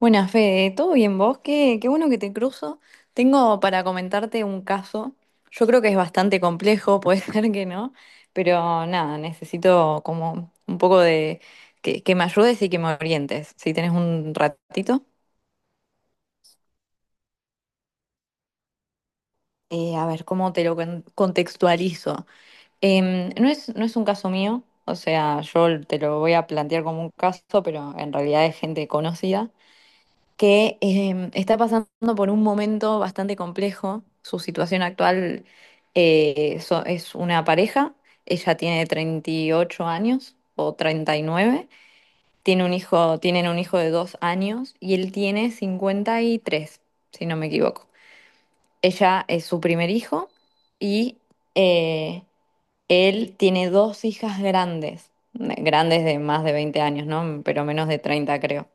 Buenas, Fede, ¿todo bien vos? Qué bueno que te cruzo. Tengo para comentarte un caso. Yo creo que es bastante complejo, puede ser que no, pero nada, necesito como un poco de que me ayudes y que me orientes, si tenés un ratito. A ver, ¿cómo te lo contextualizo? No es un caso mío, o sea, yo te lo voy a plantear como un caso, pero en realidad es gente conocida. Que está pasando por un momento bastante complejo. Su situación actual es una pareja, ella tiene 38 años o 39, tiene un hijo, tienen un hijo de dos años y él tiene 53, si no me equivoco. Ella es su primer hijo y eh, él tiene dos hijas grandes, grandes de más de 20 años, ¿no? Pero menos de 30, creo.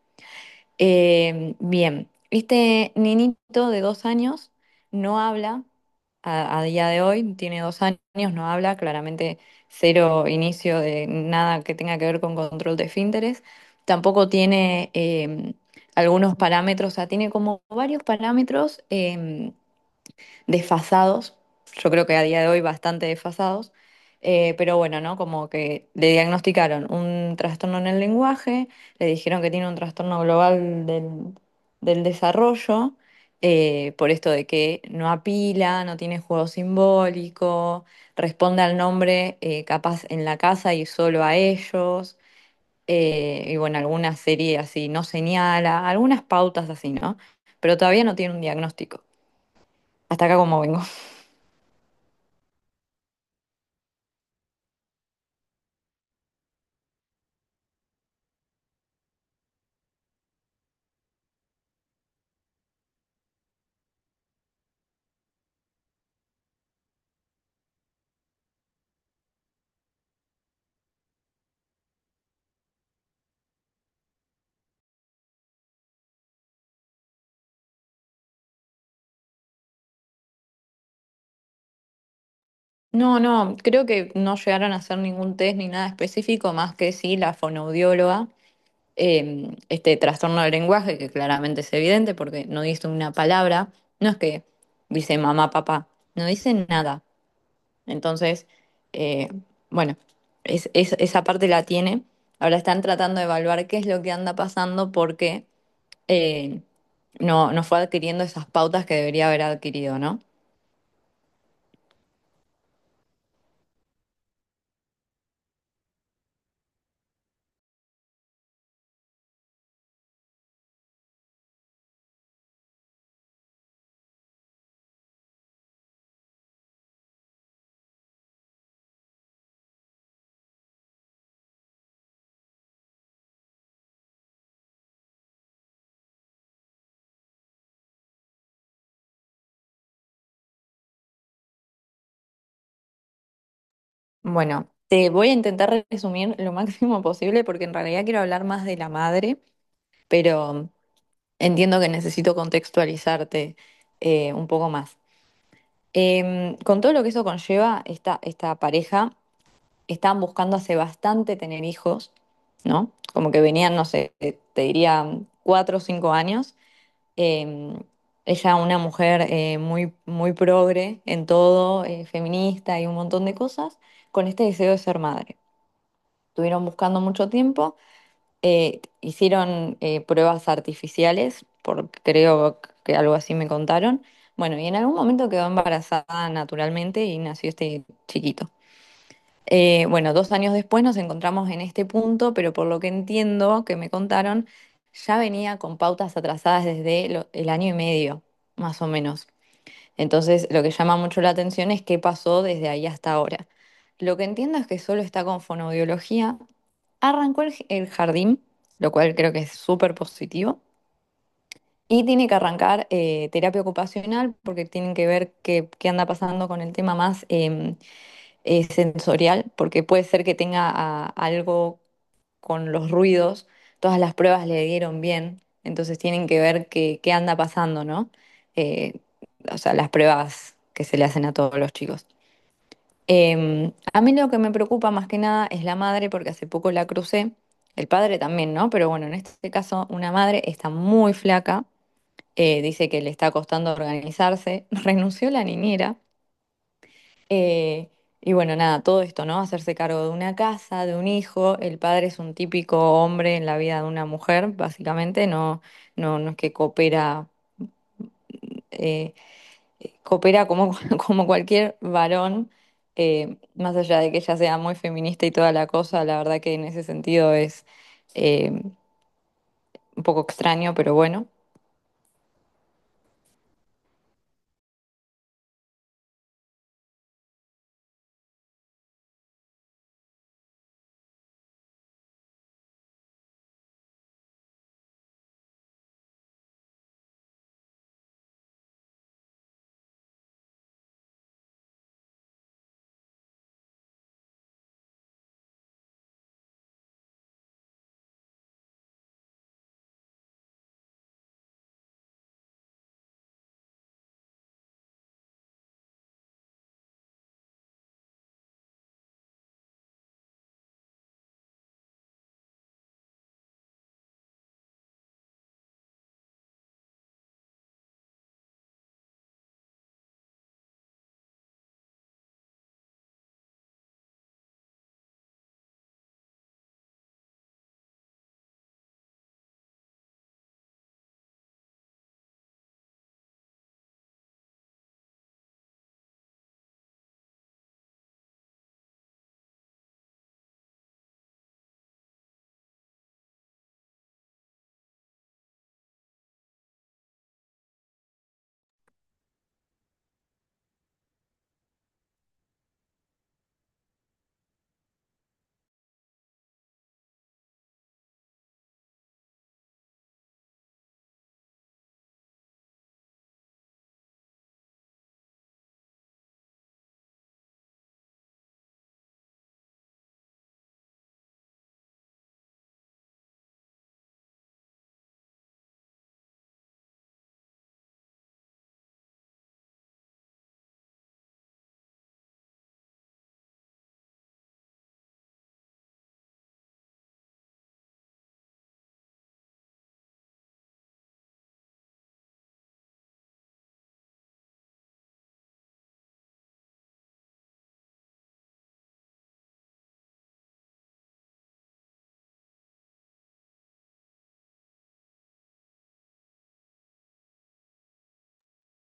Bien, este niñito de dos años no habla a día de hoy, tiene dos años, no habla, claramente cero inicio de nada que tenga que ver con control de esfínteres, tampoco tiene algunos parámetros, o sea, tiene como varios parámetros desfasados, yo creo que a día de hoy bastante desfasados. Eh, pero bueno, ¿no? Como que le diagnosticaron un trastorno en el lenguaje, le dijeron que tiene un trastorno global del desarrollo, por esto de que no apila, no tiene juego simbólico, responde al nombre capaz en la casa y solo a ellos. Y bueno, alguna serie así no señala, algunas pautas así, ¿no? Pero todavía no tiene un diagnóstico. Hasta acá como vengo. No, no, creo que no llegaron a hacer ningún test ni nada específico, más que sí la fonoaudióloga, este trastorno del lenguaje, que claramente es evidente porque no dice una palabra, no es que dice mamá, papá, no dice nada. Entonces, eh, bueno, esa parte la tiene. Ahora están tratando de evaluar qué es lo que anda pasando porque eh, no, no fue adquiriendo esas pautas que debería haber adquirido, ¿no? Bueno, te voy a intentar resumir lo máximo posible porque en realidad quiero hablar más de la madre, pero entiendo que necesito contextualizarte un poco más. Con todo lo que eso conlleva, esta pareja estaban buscando hace bastante tener hijos, ¿no? Como que venían, no sé, te diría cuatro o cinco años. Em, ella, una mujer muy progre en todo, feminista y un montón de cosas, con este deseo de ser madre. Estuvieron buscando mucho tiempo, hicieron pruebas artificiales, porque creo que algo así me contaron. Bueno, y en algún momento quedó embarazada naturalmente y nació este chiquito. Bueno, dos años después nos encontramos en este punto, pero por lo que entiendo que me contaron, ya venía con pautas atrasadas desde el año y medio, más o menos. Entonces, lo que llama mucho la atención es qué pasó desde ahí hasta ahora. Lo que entiendo es que solo está con fonoaudiología. Arrancó el jardín, lo cual creo que es súper positivo. Y tiene que arrancar terapia ocupacional porque tienen que ver qué anda pasando con el tema más sensorial, porque puede ser que tenga algo con los ruidos. Todas las pruebas le dieron bien, entonces tienen que ver qué anda pasando, ¿no? Eh, o sea, las pruebas que se le hacen a todos los chicos. A mí lo que me preocupa más que nada es la madre, porque hace poco la crucé, el padre también, ¿no? Pero bueno, en este caso una madre está muy flaca, dice que le está costando organizarse, renunció la niñera eh, . Y bueno, nada, todo esto, ¿no? Hacerse cargo de una casa, de un hijo. El padre es un típico hombre en la vida de una mujer, básicamente. No, no, no es que coopera, eh, coopera como, como cualquier varón. Más allá de que ella sea muy feminista y toda la cosa, la verdad que en ese sentido es un poco extraño, pero bueno.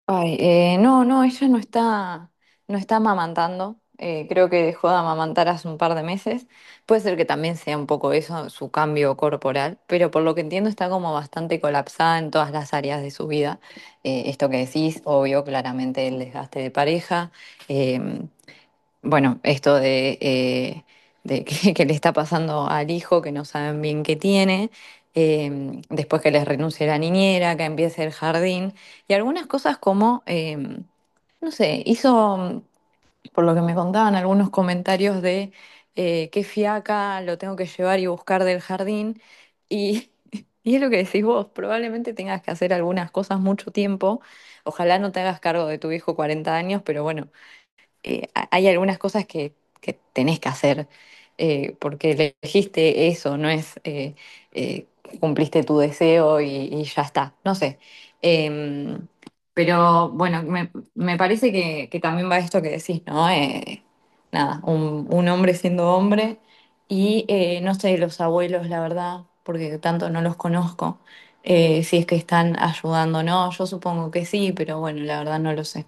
Ay, no, no, ella no está, no está amamantando. Creo que dejó de amamantar hace un par de meses. Puede ser que también sea un poco eso, su cambio corporal, pero por lo que entiendo está como bastante colapsada en todas las áreas de su vida. Esto que decís, obvio, claramente el desgaste de pareja. em, bueno, esto de, que le está pasando al hijo, que no saben bien qué tiene, eh, después que les renuncie la niñera, que empiece el jardín, y algunas cosas como, no sé, hizo, por lo que me contaban, algunos comentarios de qué fiaca lo tengo que llevar y buscar del jardín, y, y es lo que decís vos, probablemente tengas que hacer algunas cosas mucho tiempo, ojalá no te hagas cargo de tu hijo 40 años, pero bueno hay algunas cosas que tenés que hacer porque elegiste eso, no es eh, cumpliste tu deseo y ya está, no sé. Eh, pero bueno, me parece que también va esto que decís, ¿no? Nada, un hombre siendo hombre y no sé, los abuelos, la verdad, porque tanto no los conozco, si es que están ayudando o no, yo supongo que sí, pero bueno, la verdad no lo sé.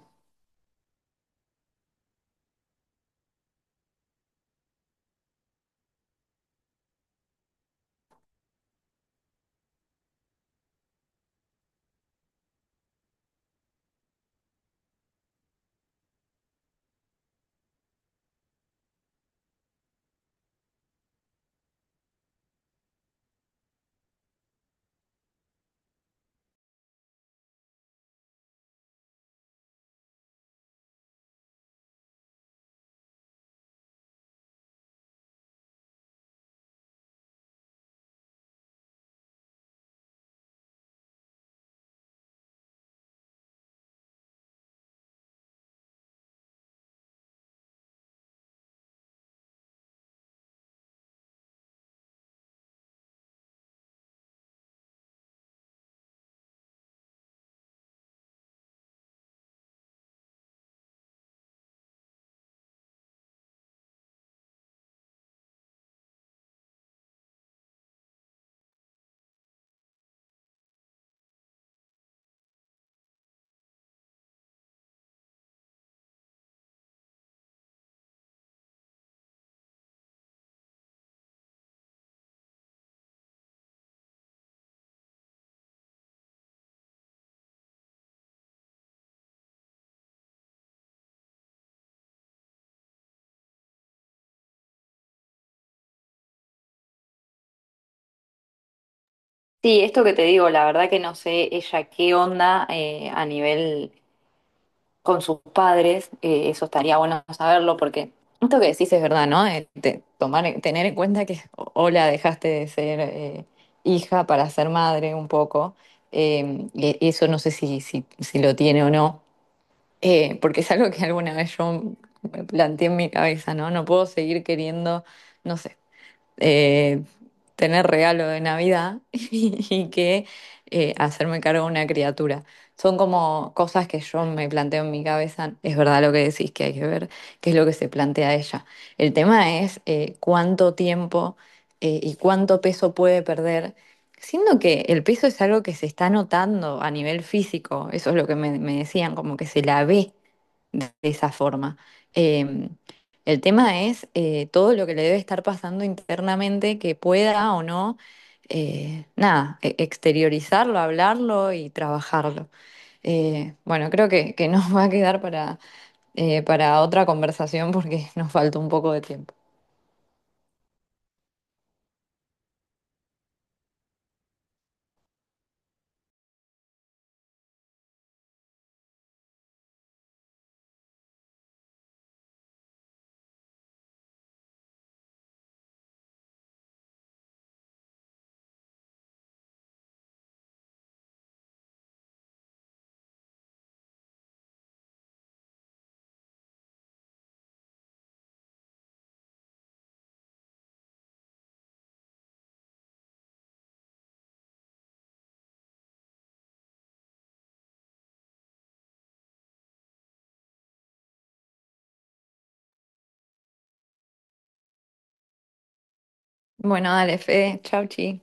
Sí, esto que te digo, la verdad que no sé ella qué onda a nivel con sus padres, eso estaría bueno saberlo porque esto que decís es verdad, ¿no? Tomar, tener en cuenta que, o la dejaste de ser hija para ser madre un poco, y eso no sé si lo tiene o no, porque es algo que alguna vez yo me planteé en mi cabeza, ¿no? No puedo seguir queriendo, no sé eh, tener regalo de Navidad y que hacerme cargo de una criatura. Son como cosas que yo me planteo en mi cabeza. Es verdad lo que decís, que hay que ver qué es lo que se plantea ella. El tema es cuánto tiempo y cuánto peso puede perder, siendo que el peso es algo que se está notando a nivel físico. Eso es lo que me decían, como que se la ve de esa forma. Em, el tema es todo lo que le debe estar pasando internamente que pueda o no, nada, e- exteriorizarlo, hablarlo y trabajarlo. Bueno, creo que nos va a quedar para otra conversación porque nos falta un poco de tiempo. Bueno, dale, Fede, chau, chi.